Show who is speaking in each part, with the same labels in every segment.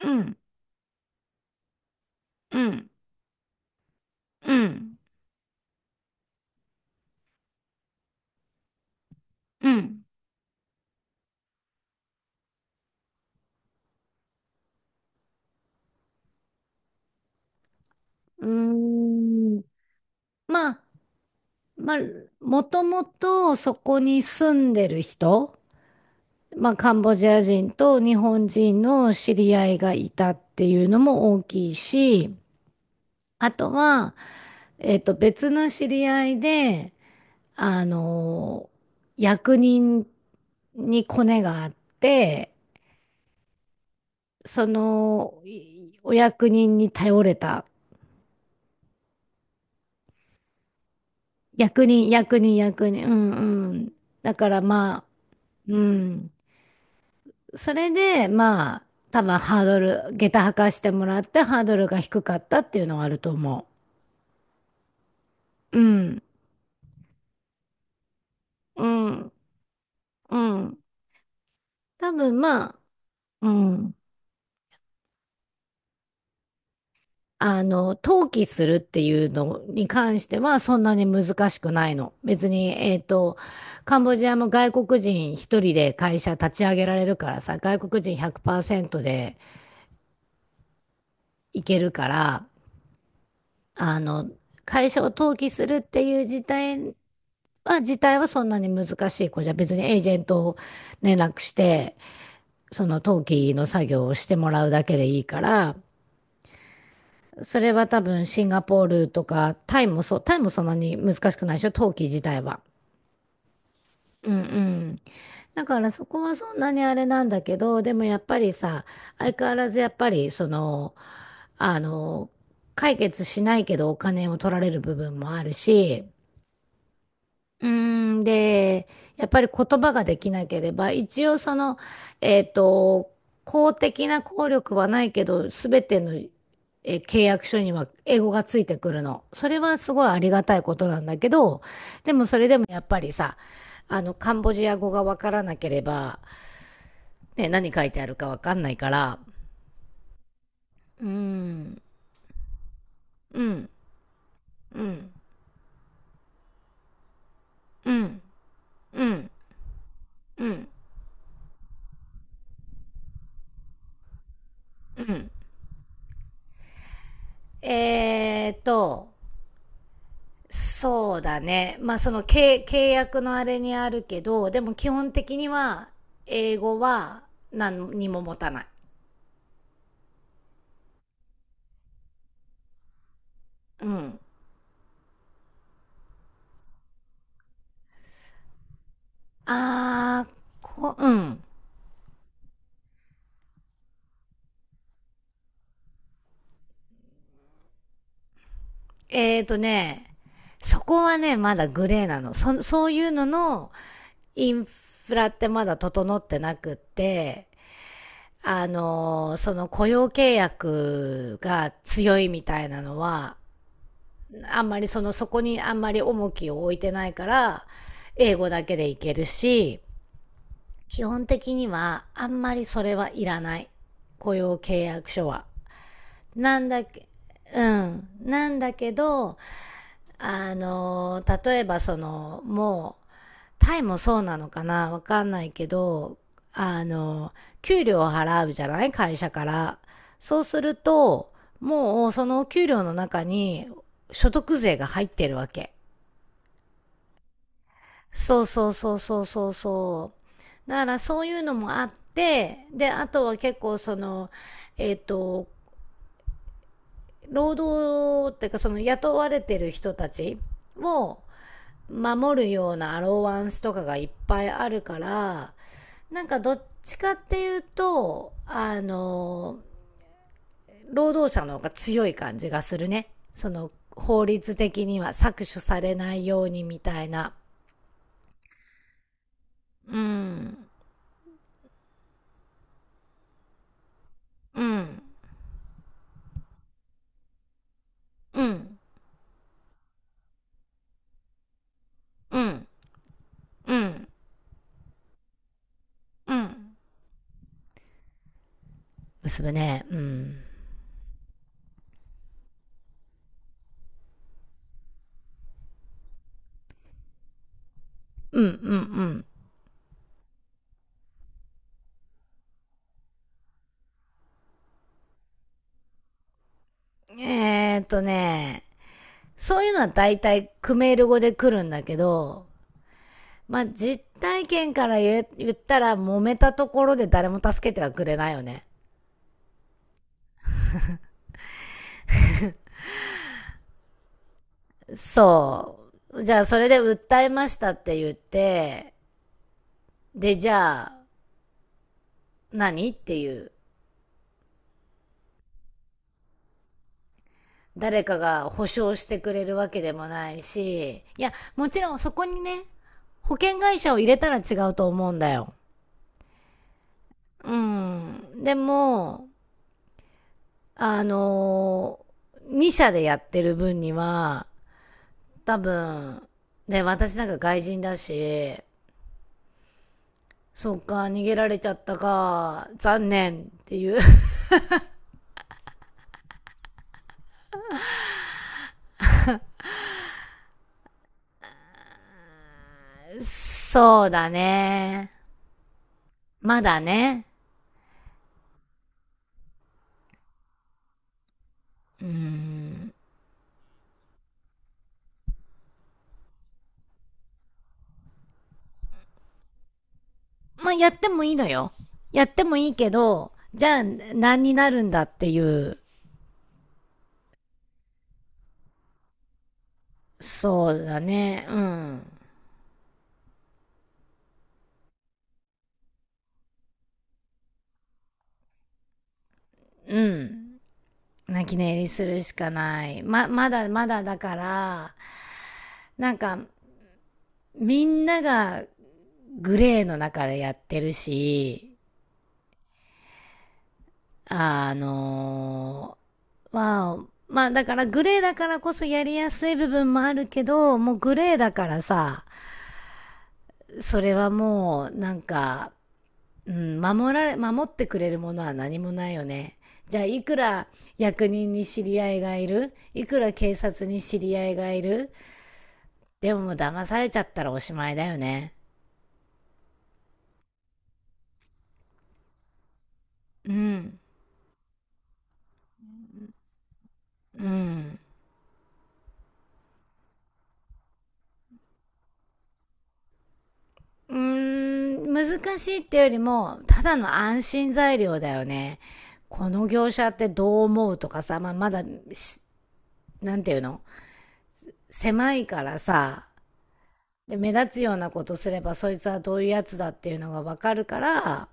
Speaker 1: うん、うん、うん、うん。うーん。まあ、まあ、もともとそこに住んでる人、まあ、カンボジア人と日本人の知り合いがいたっていうのも大きいし、あとは、別の知り合いで、あの、役人にコネがあって、お役人に頼れた役人、役人、役人。うんうん。だからまあ、うん。それで、まあ、多分ハードル、下駄履かしてもらってハードルが低かったっていうのはあると思う。うん。うん。うん。多分まあ、うん。登記するっていうのに関してはそんなに難しくないの。別に、カンボジアも外国人一人で会社立ち上げられるからさ、外国人100%でいけるから、あの、会社を登記するっていう事態はそんなに難しい子じゃ、別にエージェントを連絡して、その登記の作業をしてもらうだけでいいから、それは多分シンガポールとか、タイもそう、タイもそんなに難しくないでしょ、登記自体は。うんうん。だからそこはそんなにあれなんだけど、でもやっぱりさ、相変わらずやっぱりあの、解決しないけどお金を取られる部分もあるし、うーん、で、やっぱり言葉ができなければ、一応えっと、公的な効力はないけど、すべての、契約書には英語がついてくるの。それはすごいありがたいことなんだけど、でもそれでもやっぱりさ、カンボジア語がわからなければ、ね、何書いてあるかわかんないから、うーん、うん、うん、うん、うん、うん、うん。えーっと、そうだね。まあその契約のあれにあるけど、でも基本的には英語は何にも持たない。うん。あー、うん。えーとね、そこはね、まだグレーなの。そういうののインフラってまだ整ってなくって、その雇用契約が強いみたいなのは、あんまりそこにあんまり重きを置いてないから英語だけでいけるし、基本的にはあんまりそれはいらない、雇用契約書は。なんだけうんなんだけど、例えばもうタイもそうなのかなわかんないけど、あの給料を払うじゃない、会社から。そうするともうその給料の中に所得税が入ってるわけ。そうそうそうそうそうそう。だからそういうのもあって、であとは結構えっ、と労働っていうかその雇われてる人たちを守るようなアローワンスとかがいっぱいあるから、なんかどっちかっていうと労働者の方が強い感じがするね、法律的には搾取されないようにみたいな。うんうんうんうんうん。うん。結ぶね。うん。うんうんうん。そういうのは大体クメール語で来るんだけど、まあ実体験から言ったら揉めたところで誰も助けてはくれないよね。そう。じゃあそれで訴えましたって言って、でじゃあ何っていう。誰かが保証してくれるわけでもないし、いや、もちろんそこにね、保険会社を入れたら違うと思うんだよ。うん。でも、あの2社でやってる分には、多分、ね、私なんか外人だし、そっか、逃げられちゃったか、残念っていう。そうだね。まだね。うん。まあ、やってもいいのよ。やってもいいけど、じゃあ何になるんだっていう。そうだね。うん。うん。泣き寝入りするしかない。まだまだだから、なんか、みんながグレーの中でやってるし、あのー、まあ、まあだからグレーだからこそやりやすい部分もあるけど、もうグレーだからさ、それはもうなんか、うん、守ってくれるものは何もないよね。じゃあいくら役人に知り合いがいる、いくら警察に知り合いがいる、でももう騙されちゃったらおしまいだよね。うん。うん。うーん、難しいってよりも、ただの安心材料だよね。この業者ってどう思うとかさ、まあ、まだなんていうの、狭いからさ、で、目立つようなことすれば、そいつはどういうやつだっていうのがわかるから、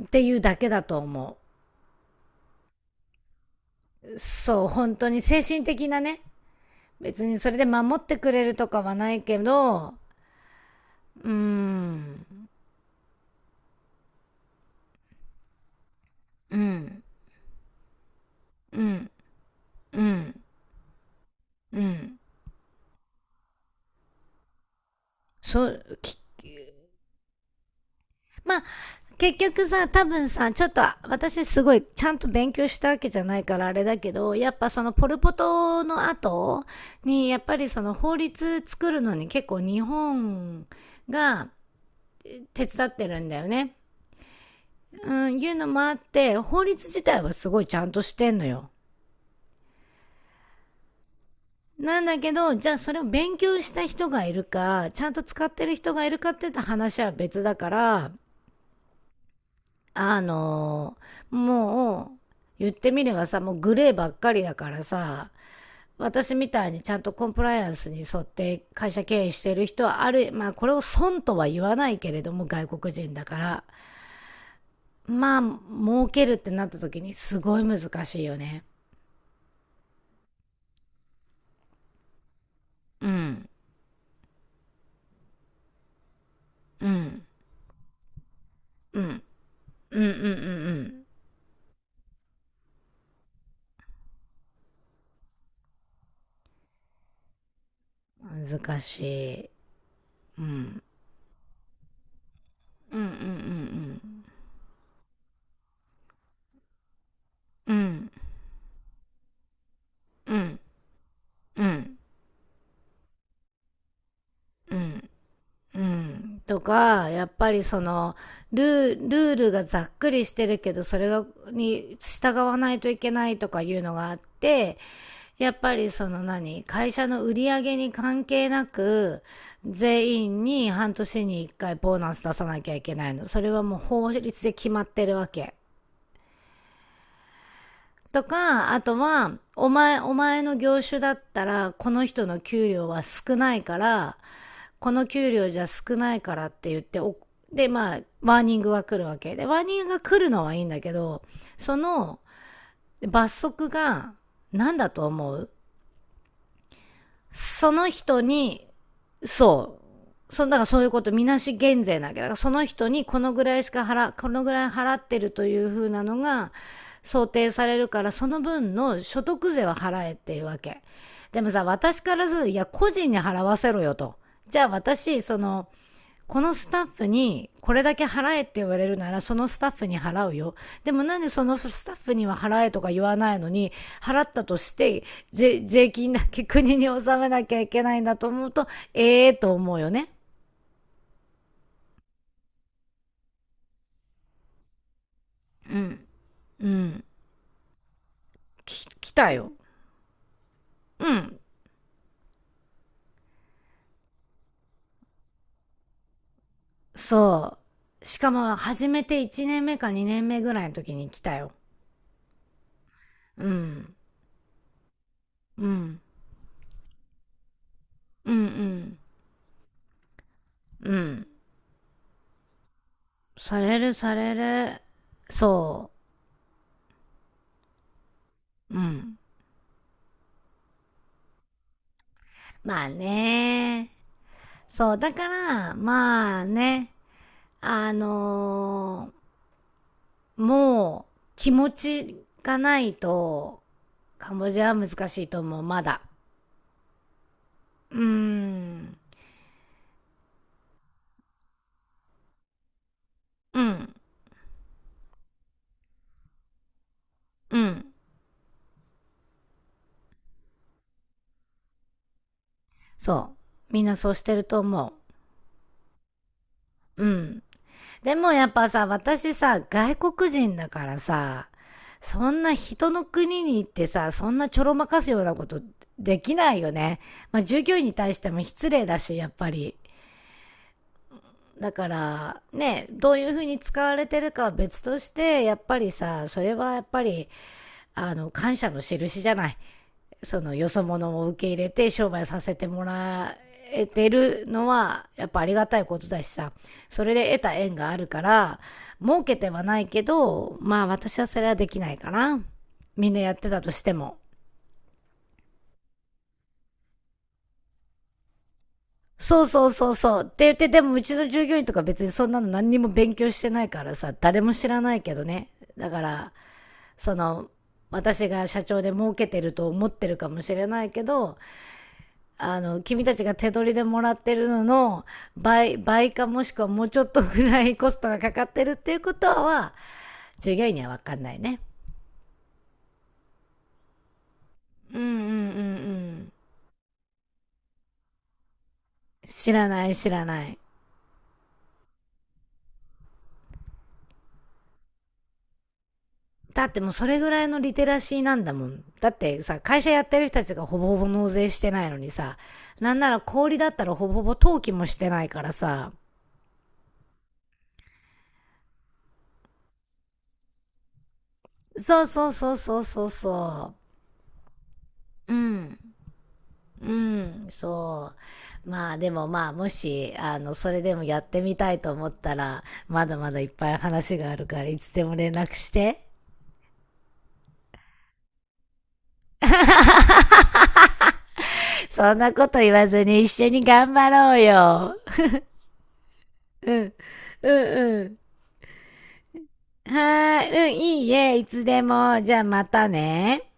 Speaker 1: っていうだけだと思う。そう、本当に精神的なね。別にそれで守ってくれるとかはないけど、うーん、うん、うん。うん。うん。そう、まあ、結局さ、多分さ、ちょっと私すごいちゃんと勉強したわけじゃないからあれだけど、やっぱそのポルポトの後に、やっぱりその法律作るのに結構日本が手伝ってるんだよね。うん、いうのもあって、法律自体はすごいちゃんとしてんのよ。なんだけど、じゃあそれを勉強した人がいるか、ちゃんと使ってる人がいるかって言ったら話は別だから、あのもう言ってみればさ、もうグレーばっかりだからさ、私みたいにちゃんとコンプライアンスに沿って会社経営してる人は、ある、まあこれを損とは言わないけれども、外国人だから、まあ儲けるってなった時にすごい難しいよね。うんうんうんうんうんうんうん。難しい。うんうんうんうんうんうんうんうんうんうん、とか、やっぱりルールがざっくりしてるけど、それが、に従わないといけないとかいうのがあって、やっぱりその何、会社の売り上げに関係なく、全員に半年に一回ボーナス出さなきゃいけないの。それはもう法律で決まってるわけ。とか、あとは、お前の業種だったら、この人の給料は少ないから、この給料じゃ少ないからって言って、でまあワーニングが来るわけで、ワーニングが来るのはいいんだけど、その罰則が何だと思う。その人に、そうそ、だからそういうこと、みなし減税なわけだから、その人にこのぐらい払ってるというふうなのが想定されるから、その分の所得税は払えっていうわけ。でもさ、私からするといや個人に払わせろよと、じゃあ私、このスタッフにこれだけ払えって言われるなら、そのスタッフに払うよ。でもなんでそのスタッフには払えとか言わないのに、払ったとして税金だけ国に納めなきゃいけないんだと思うと、ええー、と思うよね。うん。うん。来たよ。うん。そう。しかも始めて1年目か2年目ぐらいの時に来たよ。うん。うん。うんうん。うん。されるされる。そう。うん。まあね。そう、だから、まあね、あのーもう気持ちがないと、カンボジアは難しいと思う、まだ。うーん、うん、うん。そう。みんなそうしてると思う。うん。でもやっぱさ、私さ、外国人だからさ、そんな人の国に行ってさ、そんなちょろまかすようなことできないよね。まあ従業員に対しても失礼だし、やっぱり。だからね、どういうふうに使われてるかは別として、やっぱりさ、それはやっぱり感謝の印じゃない、そのよそ者を受け入れて商売させてもらえてるのはやっぱありがたいことだしさ、それで得た縁があるから、儲けてはないけど、まあ私はそれはできないかな、みんなやってたとしても。そうそうそうそう。って言って、でもうちの従業員とか別にそんなの何にも勉強してないからさ、誰も知らないけどね。だから、その私が社長で儲けてると思ってるかもしれないけど、君たちが手取りでもらってるのの倍倍か、もしくはもうちょっとぐらいコストがかかってるっていうことは、従業員には分かんないね。うんうんうんうん。知らない知らない。だってもうそれぐらいのリテラシーなんだもん、だってさ会社やってる人たちがほぼほぼ納税してないのにさ、なんなら小氷だったらほぼほぼ登記もしてないからさ。そうそうそうそうそうそう。うんうん、そう。まあでもまあもし、それでもやってみたいと思ったら、まだまだいっぱい話があるからいつでも連絡して。そんなこと言わずに一緒に頑張ろうよ。うん、うん、うん。はーい、うん、いいえ、いつでも。じゃあまたね。